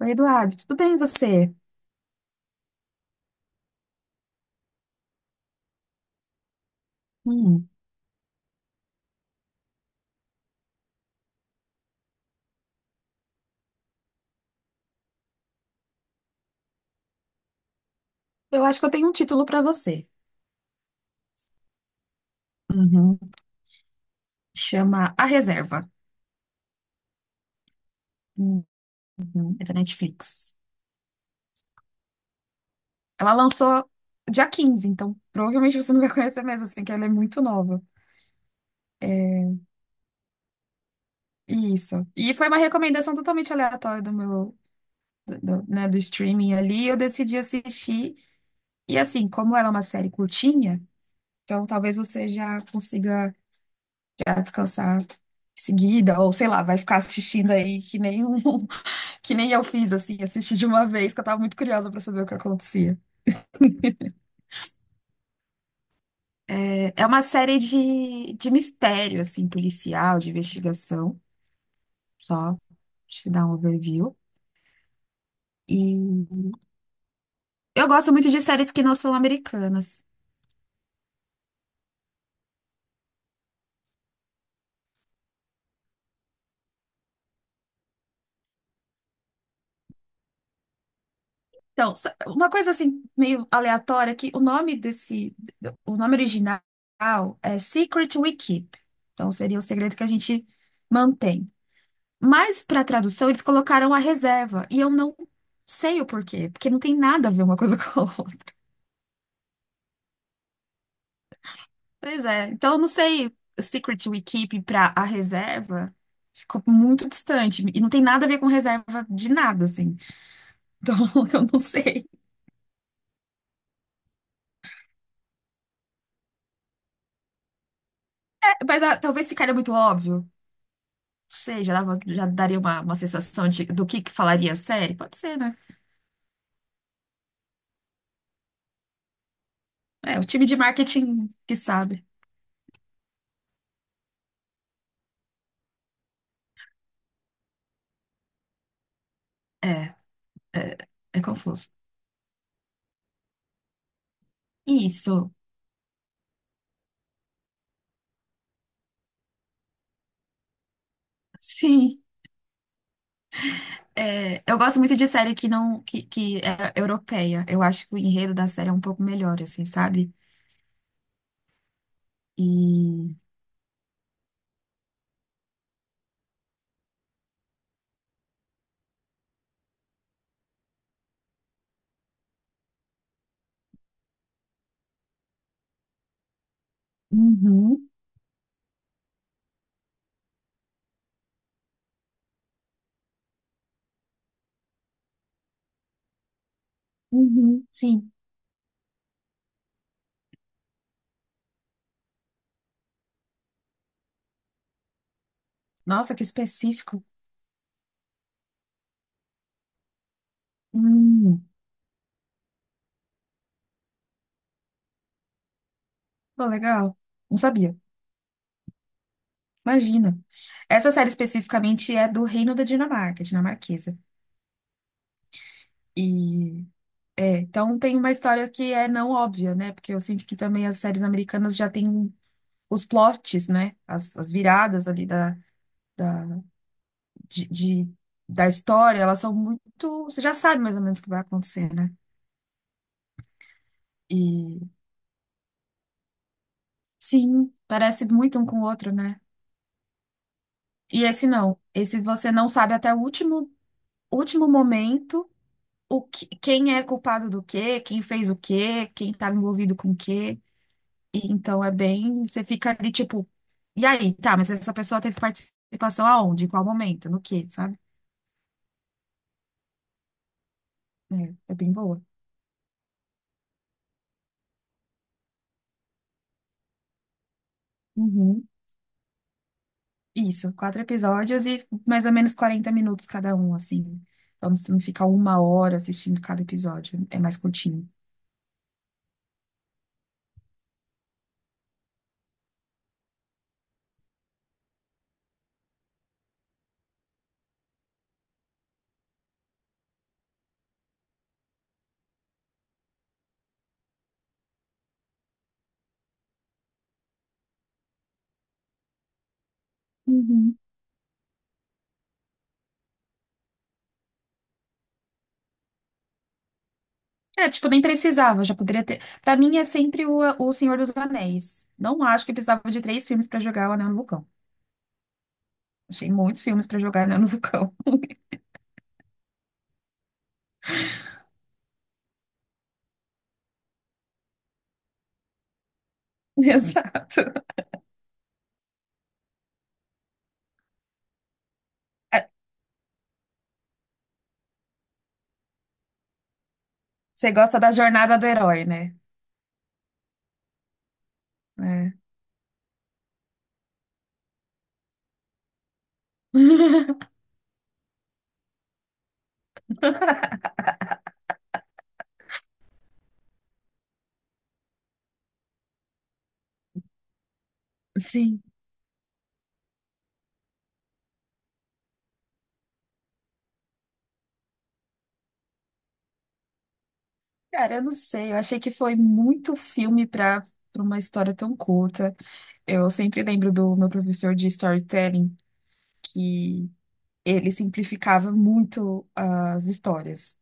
Oi, Eduardo, tudo bem e você? Hum, eu acho que eu tenho um título para você. Uhum. Chama A Reserva. Hum, É da Netflix. Ela lançou dia 15, então provavelmente você não vai conhecer mesmo, assim, que ela é muito nova. Isso. E foi uma recomendação totalmente aleatória do, né, do streaming ali. Eu decidi assistir. E assim, como ela é uma série curtinha, então talvez você já consiga já descansar em seguida, ou sei lá, vai ficar assistindo aí que nem um. Que nem eu fiz, assim, assisti de uma vez, que eu tava muito curiosa pra saber o que acontecia. É uma série de mistério, assim, policial, de investigação, só te dar um overview. E eu gosto muito de séries que não são americanas. Então, uma coisa, assim, meio aleatória, que o nome desse, o nome original é Secret We Keep. Então, seria o segredo que a gente mantém. Mas para tradução eles colocaram a reserva e eu não sei o porquê, porque não tem nada a ver uma coisa com a outra. Pois é, então eu não sei, Secret We Keep para a reserva ficou muito distante e não tem nada a ver com reserva de nada assim. Então eu não sei. É, mas talvez ficaria muito óbvio. Não sei, já daria uma sensação do que falaria a série. Pode ser, né? É, o time de marketing que sabe. É, é, é confuso. Isso. Sim. É, eu gosto muito de série que não que, que é europeia. Eu acho que o enredo da série é um pouco melhor, assim, sabe? E Uhum, uhum, sim. Nossa, que específico. Hum, pô, legal. Não sabia. Imagina. Essa série especificamente é do Reino da Dinamarca, dinamarquesa. E é, então tem uma história que é não óbvia, né? Porque eu sinto que também as séries americanas já têm os plots, né? As viradas ali da- de, de- da história, elas são muito. Você já sabe mais ou menos o que vai acontecer, né? E sim, parece muito um com o outro, né? E esse não. Esse você não sabe até o último momento o que, quem é culpado do quê, quem fez o quê, quem estava envolvido com o quê. E, então é bem. Você fica ali tipo. E aí, tá, mas essa pessoa teve participação aonde? Em qual momento? No quê, sabe? É, é bem boa. Uhum. Isso, quatro episódios e mais ou menos 40 minutos cada um, assim. Então, se não ficar uma hora assistindo cada episódio, é mais curtinho. Uhum. É, tipo, nem precisava, já poderia ter. Pra mim é sempre o Senhor dos Anéis. Não acho que precisava de três filmes pra jogar o Anel no Vulcão. Achei muitos filmes pra jogar o Anel no Vulcão. Exato. É, você gosta da jornada do herói, né? É. Sim. Cara, eu não sei. Eu achei que foi muito filme pra uma história tão curta. Eu sempre lembro do meu professor de storytelling que ele simplificava muito as histórias.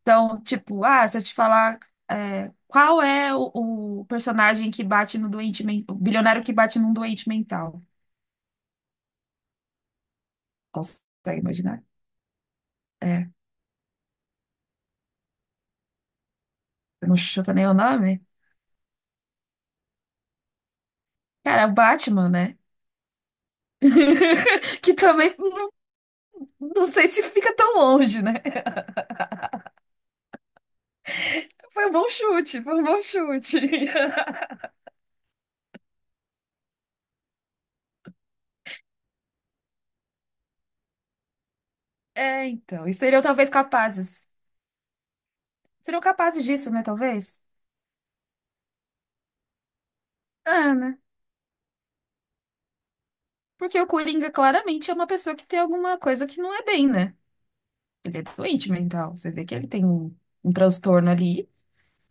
Então, tipo, se eu te falar, qual é o personagem que bate no doente mental, o bilionário que bate num doente mental. Consegue imaginar? É, eu não chuta nem o nome. Cara, é o Batman, né? Que também não sei se fica tão longe, né? Foi um bom chute, foi um bom chute. É, então, e seriam talvez capazes. Serão capazes disso, né? Talvez? Ah, né? Porque o Coringa claramente é uma pessoa que tem alguma coisa que não é bem, né? Ele é doente mental. Você vê que ele tem um transtorno ali.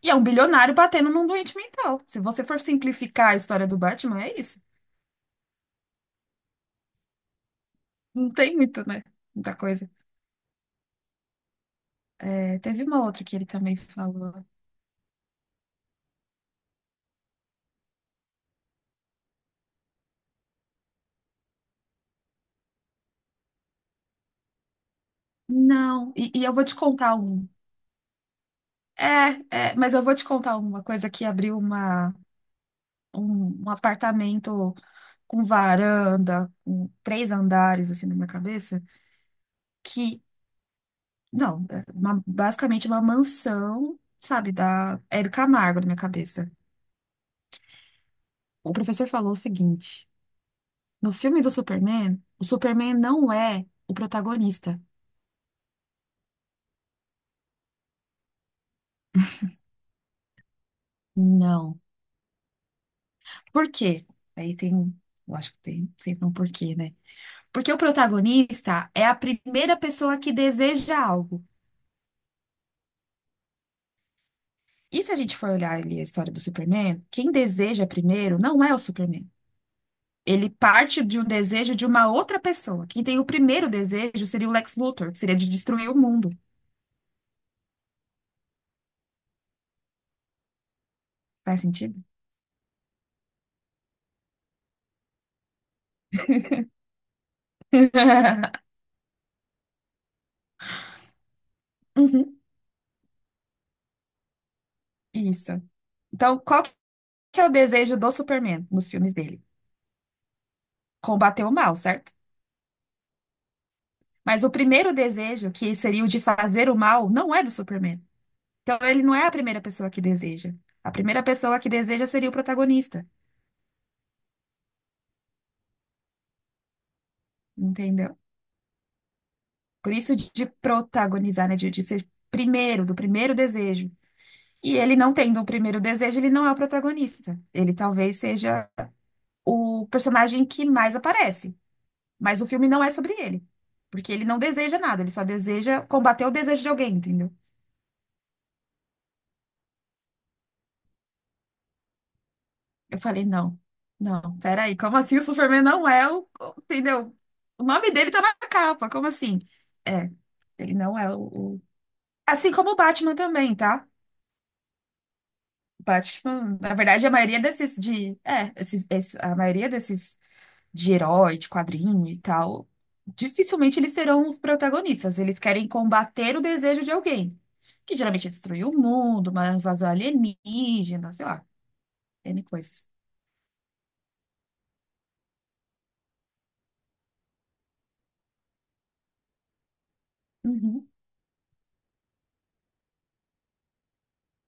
E é um bilionário batendo num doente mental. Se você for simplificar a história do Batman, é isso. Não tem muito, né? Muita coisa. É, teve uma outra que ele também falou. Não, e eu vou te contar um. É, mas eu vou te contar uma coisa que abriu um apartamento com varanda, com três andares, assim, na minha cabeça, que, não, basicamente uma mansão, sabe, da Hebe Camargo na minha cabeça. O professor falou o seguinte, no filme do Superman, o Superman não é o protagonista. Não. Por quê? Aí tem, eu acho que tem sempre um porquê, né? Porque o protagonista é a primeira pessoa que deseja algo. E se a gente for olhar ali a história do Superman, quem deseja primeiro não é o Superman. Ele parte de um desejo de uma outra pessoa. Quem tem o primeiro desejo seria o Lex Luthor, que seria de destruir o mundo. Faz sentido? Uhum, isso. Então, qual que é o desejo do Superman nos filmes dele? Combater o mal, certo? Mas o primeiro desejo, que seria o de fazer o mal, não é do Superman. Então, ele não é a primeira pessoa que deseja. A primeira pessoa que deseja seria o protagonista, entendeu? Por isso de protagonizar, né? De ser primeiro, do primeiro desejo. E ele não tendo o primeiro desejo, ele não é o protagonista. Ele talvez seja o personagem que mais aparece, mas o filme não é sobre ele, porque ele não deseja nada, ele só deseja combater o desejo de alguém, entendeu? Eu falei, não, não, peraí, como assim o Superman não é. Entendeu? O nome dele tá na capa, como assim? É, ele não é o- Assim como o Batman também, tá? O Batman, na verdade, a maioria desses de, é, esses, esse- a maioria desses de herói, de quadrinho e tal, dificilmente eles serão os protagonistas. Eles querem combater o desejo de alguém, que geralmente é destruir o mundo, uma invasão alienígena, sei lá, N coisas. Uhum.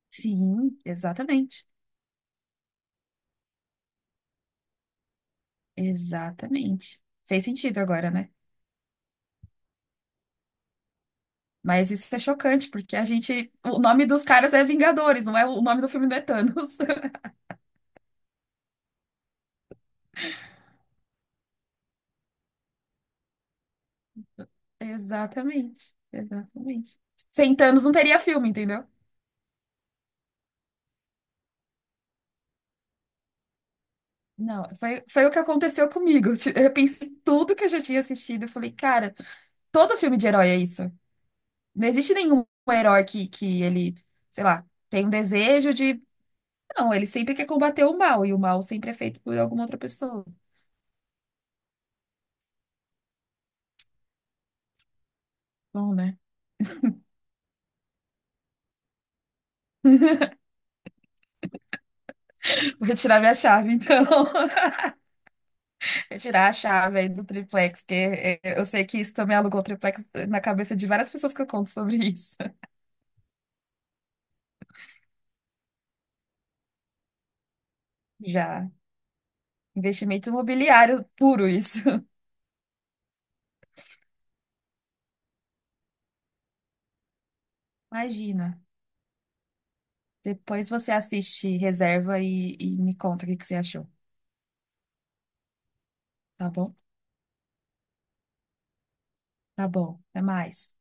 Sim, exatamente. Exatamente. Fez sentido agora, né? Mas isso é chocante, porque a gente. O nome dos caras é Vingadores, não é o nome do filme não é Thanos. Exatamente, exatamente. Sem Thanos não teria filme, entendeu? Não, foi o que aconteceu comigo. Eu pensei em tudo que eu já tinha assistido. Eu falei, cara, todo filme de herói é isso. Não existe nenhum herói que ele, sei lá, tem um desejo de. Não, ele sempre quer combater o mal, e o mal sempre é feito por alguma outra pessoa. Bom, né? Vou retirar minha chave, então. Retirar a chave aí do triplex, que eu sei que isso também alugou o triplex na cabeça de várias pessoas que eu conto sobre isso. Já. Investimento imobiliário puro, isso. Imagina. Depois você assiste Reserva e me conta o que que você achou, tá bom? Tá bom, até mais.